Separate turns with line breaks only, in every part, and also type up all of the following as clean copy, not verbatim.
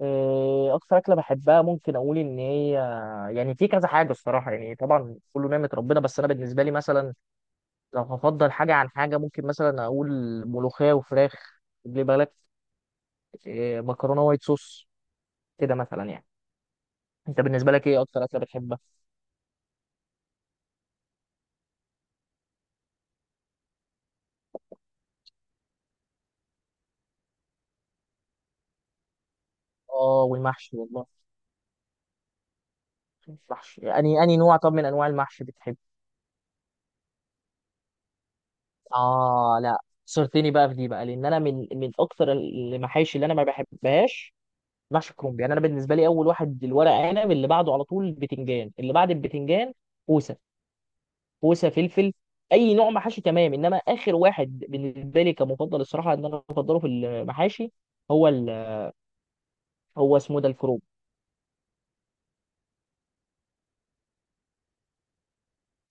إيه، اكتر اكله بحبها ممكن اقول ان هي يعني في كذا حاجه الصراحه، يعني طبعا كله نعمه ربنا، بس انا بالنسبه لي مثلا لو هفضل حاجه عن حاجه ممكن مثلا اقول ملوخيه وفراخ. خلي بالك. إيه، مكرونه وايت صوص. كده مثلا يعني. انت بالنسبه لك ايه اكتر اكله بتحبها؟ اه والمحشي والله. المحشي، يعني اني نوع طب من انواع المحشي بتحب؟ اه، لا. صرتني بقى في دي بقى لان انا من اكتر المحاشي اللي انا ما بحبهاش. محشي كرنب. يعني انا بالنسبه لي اول واحد الورق عنب، اللي بعده على طول البتنجان، اللي بعد البتنجان كوسه. كوسه فلفل. اي نوع محاشي تمام، انما اخر واحد بالنسبه لي كمفضل الصراحه ان انا بفضله في المحاشي هو ال... هو اسمه ده الكروب.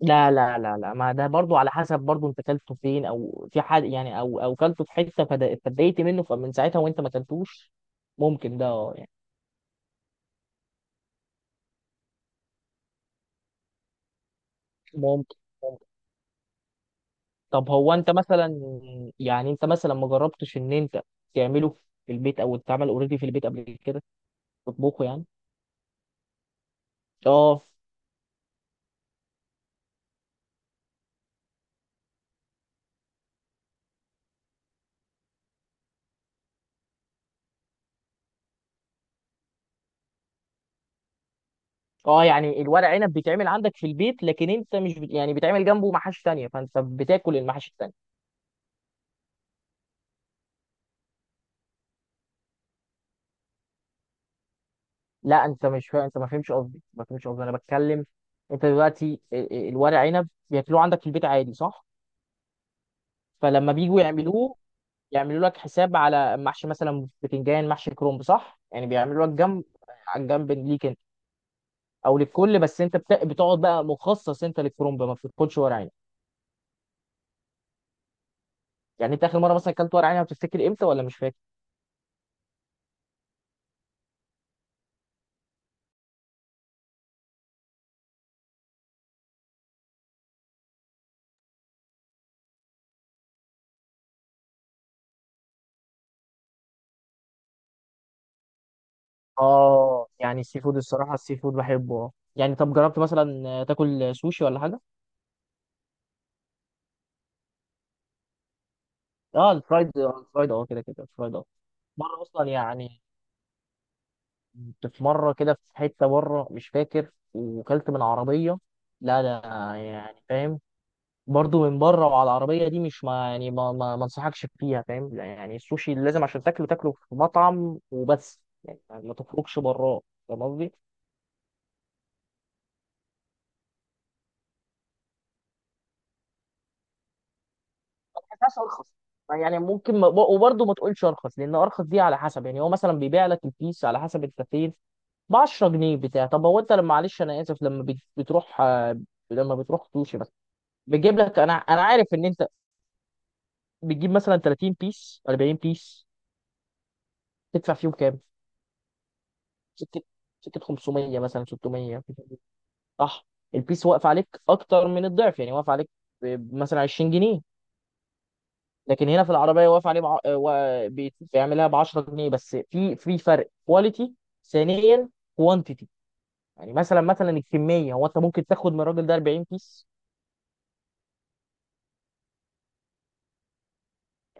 لا، لا، لا، لا، ما ده برضو على حسب، برضو انت كلته فين؟ او في حد يعني او كلته في حته فاتضايقت منه، فمن ساعتها وانت ما كلتوش. ممكن ده يعني. ممكن. طب هو انت مثلا، يعني انت مثلا ما جربتش ان انت تعمله في البيت، او اتعمل اوريدي في البيت قبل كده؟ تطبخه يعني. اه، اه، يعني الورق عنب بيتعمل عندك في البيت، لكن انت مش بت... يعني بيتعمل جنبه محاشي تانية، فانت بتاكل المحاشي التانية؟ لا، انت مش فا... انت ما فهمش قصدي، ما فهمش قصدي. انا بتكلم. انت دلوقتي الورق عنب بياكلوه عندك في البيت عادي صح؟ فلما بيجوا يعملوه يعملوا لك حساب على محشي مثلا بتنجان، محشي كرنب صح؟ يعني بيعملوا لك جنب على الجنب ليك انت. او للكل، بس انت بتقعد بقى مخصص انت للكرنب، ما بتاكلش ورق عنب؟ يعني انت اخر مره مثلا اكلت ورق عنب بتفتكر امتى؟ ولا مش فاكر؟ اه، يعني السي فود، الصراحه السي فود بحبه اه. يعني طب جربت مثلا تاكل سوشي ولا حاجه؟ اه الفرايد، الفرايد اه، كده كده الفرايد اه. مره اصلا يعني، كنت في مره كده في حته بره مش فاكر وكلت من عربيه. لا، لا، يعني فاهم. برضه من بره وعلى العربيه دي مش، ما يعني، ما انصحكش فيها، فاهم لا، يعني السوشي لازم عشان تاكله في مطعم وبس، يعني ما تخرجش براه. فاهم قصدي؟ بس ارخص. يعني ممكن ما، وبرضه ما تقولش ارخص لان ارخص دي على حسب، يعني هو مثلا بيبيع لك البيس على حسب انت فين. ب 10 جنيه بتاع. طب هو انت لما، معلش انا اسف، لما بتروح لما بتروح سوشي بس بيجيب لك، انا عارف ان انت بتجيب مثلا 30 بيس، 40 بيس، تدفع فيهم كام؟ سكه سكه 500 مثلا 600؟ صح. البيس واقف عليك اكتر من الضعف، يعني واقف عليك مثلا 20 جنيه. لكن هنا في العربيه واقف عليه بيعملها ب 10 جنيه، بس في فرق كواليتي. ثانيا كوانتيتي. يعني مثلا، الكميه، هو انت ممكن تاخد من الراجل ده 40 بيس.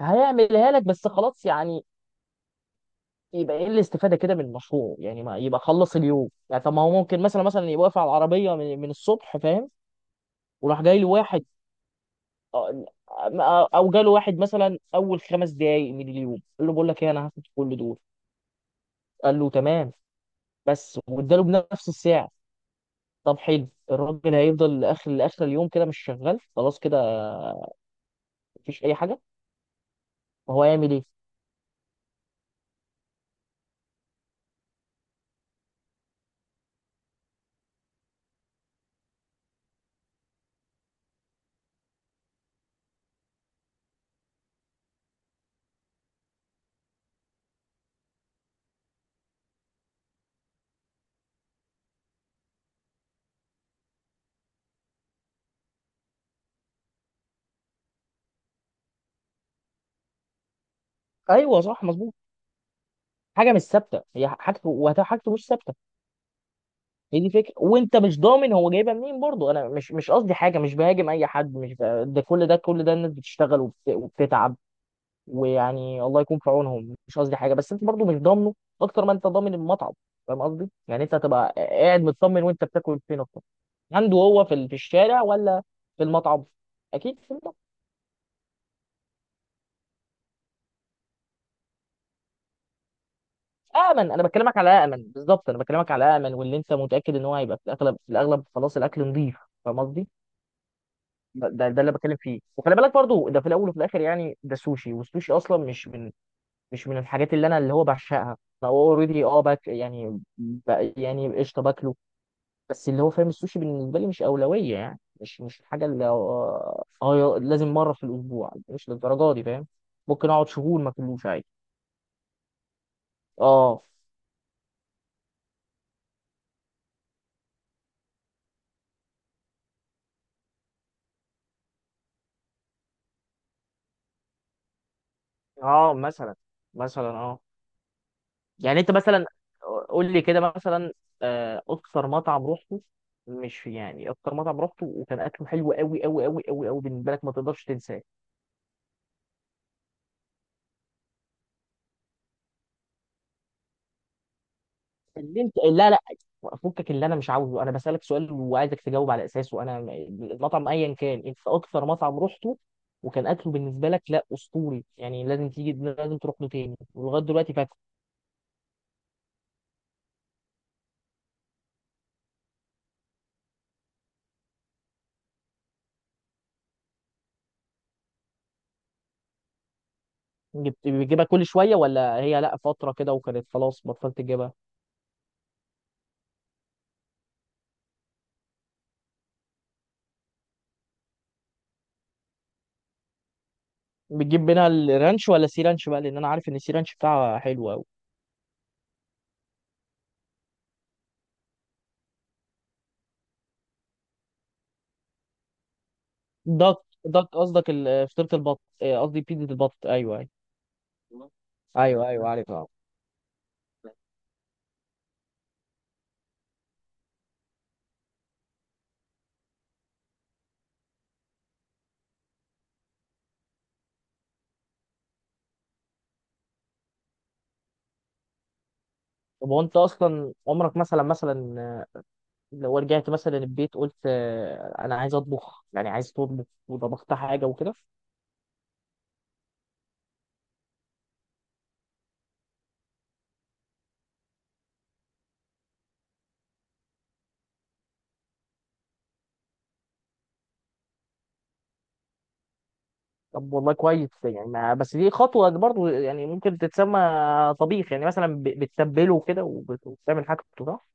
هيعملها لك بس خلاص يعني. يبقى ايه الاستفاده كده من المشروع؟ يعني ما يبقى خلص اليوم يعني. طب ما هو ممكن مثلا يبقى واقف على العربيه من الصبح فاهم. وراح جاي له واحد، او جاله واحد مثلا اول 5 دقايق من اليوم، قال له بقول لك ايه، انا هاخد كل دول. قال له تمام. بس واداله بنفس السعر. طب حلو، الراجل هيفضل لاخر اليوم كده مش شغال خلاص كده. مفيش اي حاجه. فهو هيعمل ايه؟ ايوه صح مظبوط. حاجه مش ثابته، هي حاجته وحاجته مش ثابته. هي دي فكره، وانت مش ضامن هو جايبها منين برضه. انا مش قصدي حاجه، مش بهاجم اي حد، مش ب... ده كل ده كل ده الناس بتشتغل وبتتعب. ويعني الله يكون في عونهم، مش قصدي حاجه، بس انت برضو مش ضامنه اكتر ما انت ضامن المطعم. فاهم قصدي؟ يعني انت هتبقى قاعد مطمن وانت بتاكل فين اكتر؟ عنده هو في في الشارع؟ ولا في المطعم؟ اكيد في المطعم. امن، انا بكلمك على امن بالظبط، انا بكلمك على امن، واللي انت متاكد ان هو هيبقى في الاغلب، في الاغلب خلاص الاكل نظيف. فاهم قصدي؟ ده اللي بتكلم فيه، وخلي بالك برضو ده في الاول وفي الاخر، يعني ده سوشي، والسوشي اصلا مش من الحاجات اللي انا اللي هو بعشقها. فهو اوريدي اه باك، يعني يعني قشطه باكله. بس اللي هو فاهم السوشي بالنسبه لي مش اولويه، يعني مش الحاجه اللي لازم مره في الاسبوع، مش للدرجه دي فاهم. ممكن اقعد شهور ما اكلوش عادي. اه، اه. مثلا اه، يعني انت مثلا قول لي كده مثلا اكتر مطعم روحته. مش يعني اكتر مطعم روحته وكان اكله حلو قوي قوي قوي قوي قوي بالنسبه لك، ما تقدرش تنساه. اللي انت، لا، لا، فكك اللي انا مش عاوزه. انا بسألك سؤال وعايزك تجاوب على اساسه. انا المطعم ايا كان انت اكثر مطعم رحته وكان اكله بالنسبه لك لا اسطوري، يعني لازم تيجي، لازم تروح له تاني ولغايه دلوقتي فاتح. بتجيبها كل شويه؟ ولا هي لا فتره كده وكانت خلاص بطلت تجيبها؟ بتجيب منها الرانش ولا سي رانش بقى؟ لان انا عارف ان السي رانش بتاعها حلو قوي. دك دك قصدك فطيره البط، اه، قصدي بيتزا البط، ايوه ايوه. ايوه ايوه عارفها. طب هو انت اصلا عمرك مثلا لو رجعت مثلا البيت قلت انا عايز اطبخ؟ يعني عايز تطبخ وطبخت حاجه وكده؟ طب والله كويس، يعني ما بس دي خطوه برضو، يعني ممكن تتسمى طبيخ. يعني مثلا بتتبله كده، وبتعمل حاجته صح.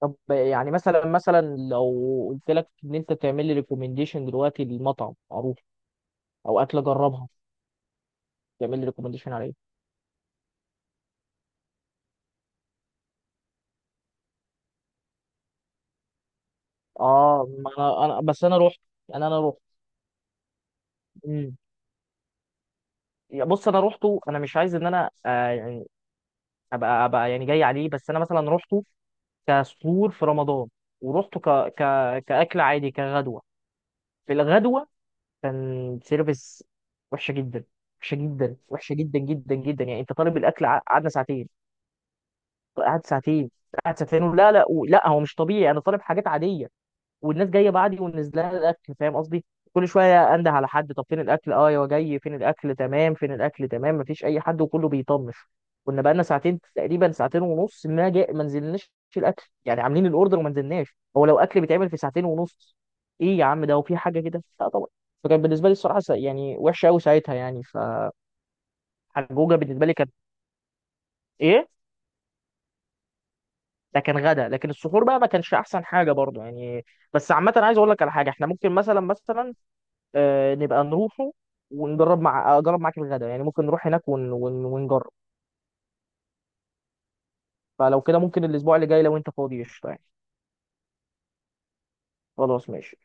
طب يعني مثلا لو قلت لك ان انت تعمل لي ريكومنديشن دلوقتي لمطعم معروف، او اكله جربها تعمل لي ريكومنديشن عليه. اه، ما انا بس انا رحت. انا رحت. امم بص انا روحته. انا مش عايز ان انا يعني ابقى يعني جاي عليه، بس انا مثلا رحته كسحور في رمضان. ورحته ك... كأكل عادي، كغدوة. في الغدوة كان سيرفيس وحشة جدا. وحشة جدا، وحشة جدا جدا جدا، يعني انت طالب الأكل قعدنا ساعتين. قعد ساعتين. قعد ساعتين لا، لا، لا هو مش طبيعي، انا طالب حاجات عادية والناس جايه بعدي ونزلها الاكل، فاهم قصدي. كل شويه انده على حد، طب فين الاكل، اه يا جاي فين الاكل تمام، فين الاكل تمام، مفيش اي حد وكله بيطنش. كنا بقالنا ساعتين تقريبا، ساعتين ونص، ما جاء، ما نزلناش الاكل. يعني عاملين الاوردر وما نزلناش. هو لو اكل بيتعمل في ساعتين ونص؟ ايه يا عم، ده وفي حاجه كده؟ لا طبعا. فكان بالنسبه لي الصراحه يعني وحشه قوي ساعتها يعني. فحجوجه بالنسبه لي كانت ايه. ده كان غدا، لكن السحور بقى ما كانش احسن حاجه برضه يعني. بس عامه عايز اقول لك على حاجه، احنا ممكن مثلا نبقى نروحه ونجرب، مع اجرب معاك الغدا، يعني ممكن نروح هناك ونجرب. فلو كده ممكن الاسبوع اللي جاي لو انت فاضي قشطه يعني. خلاص ماشي.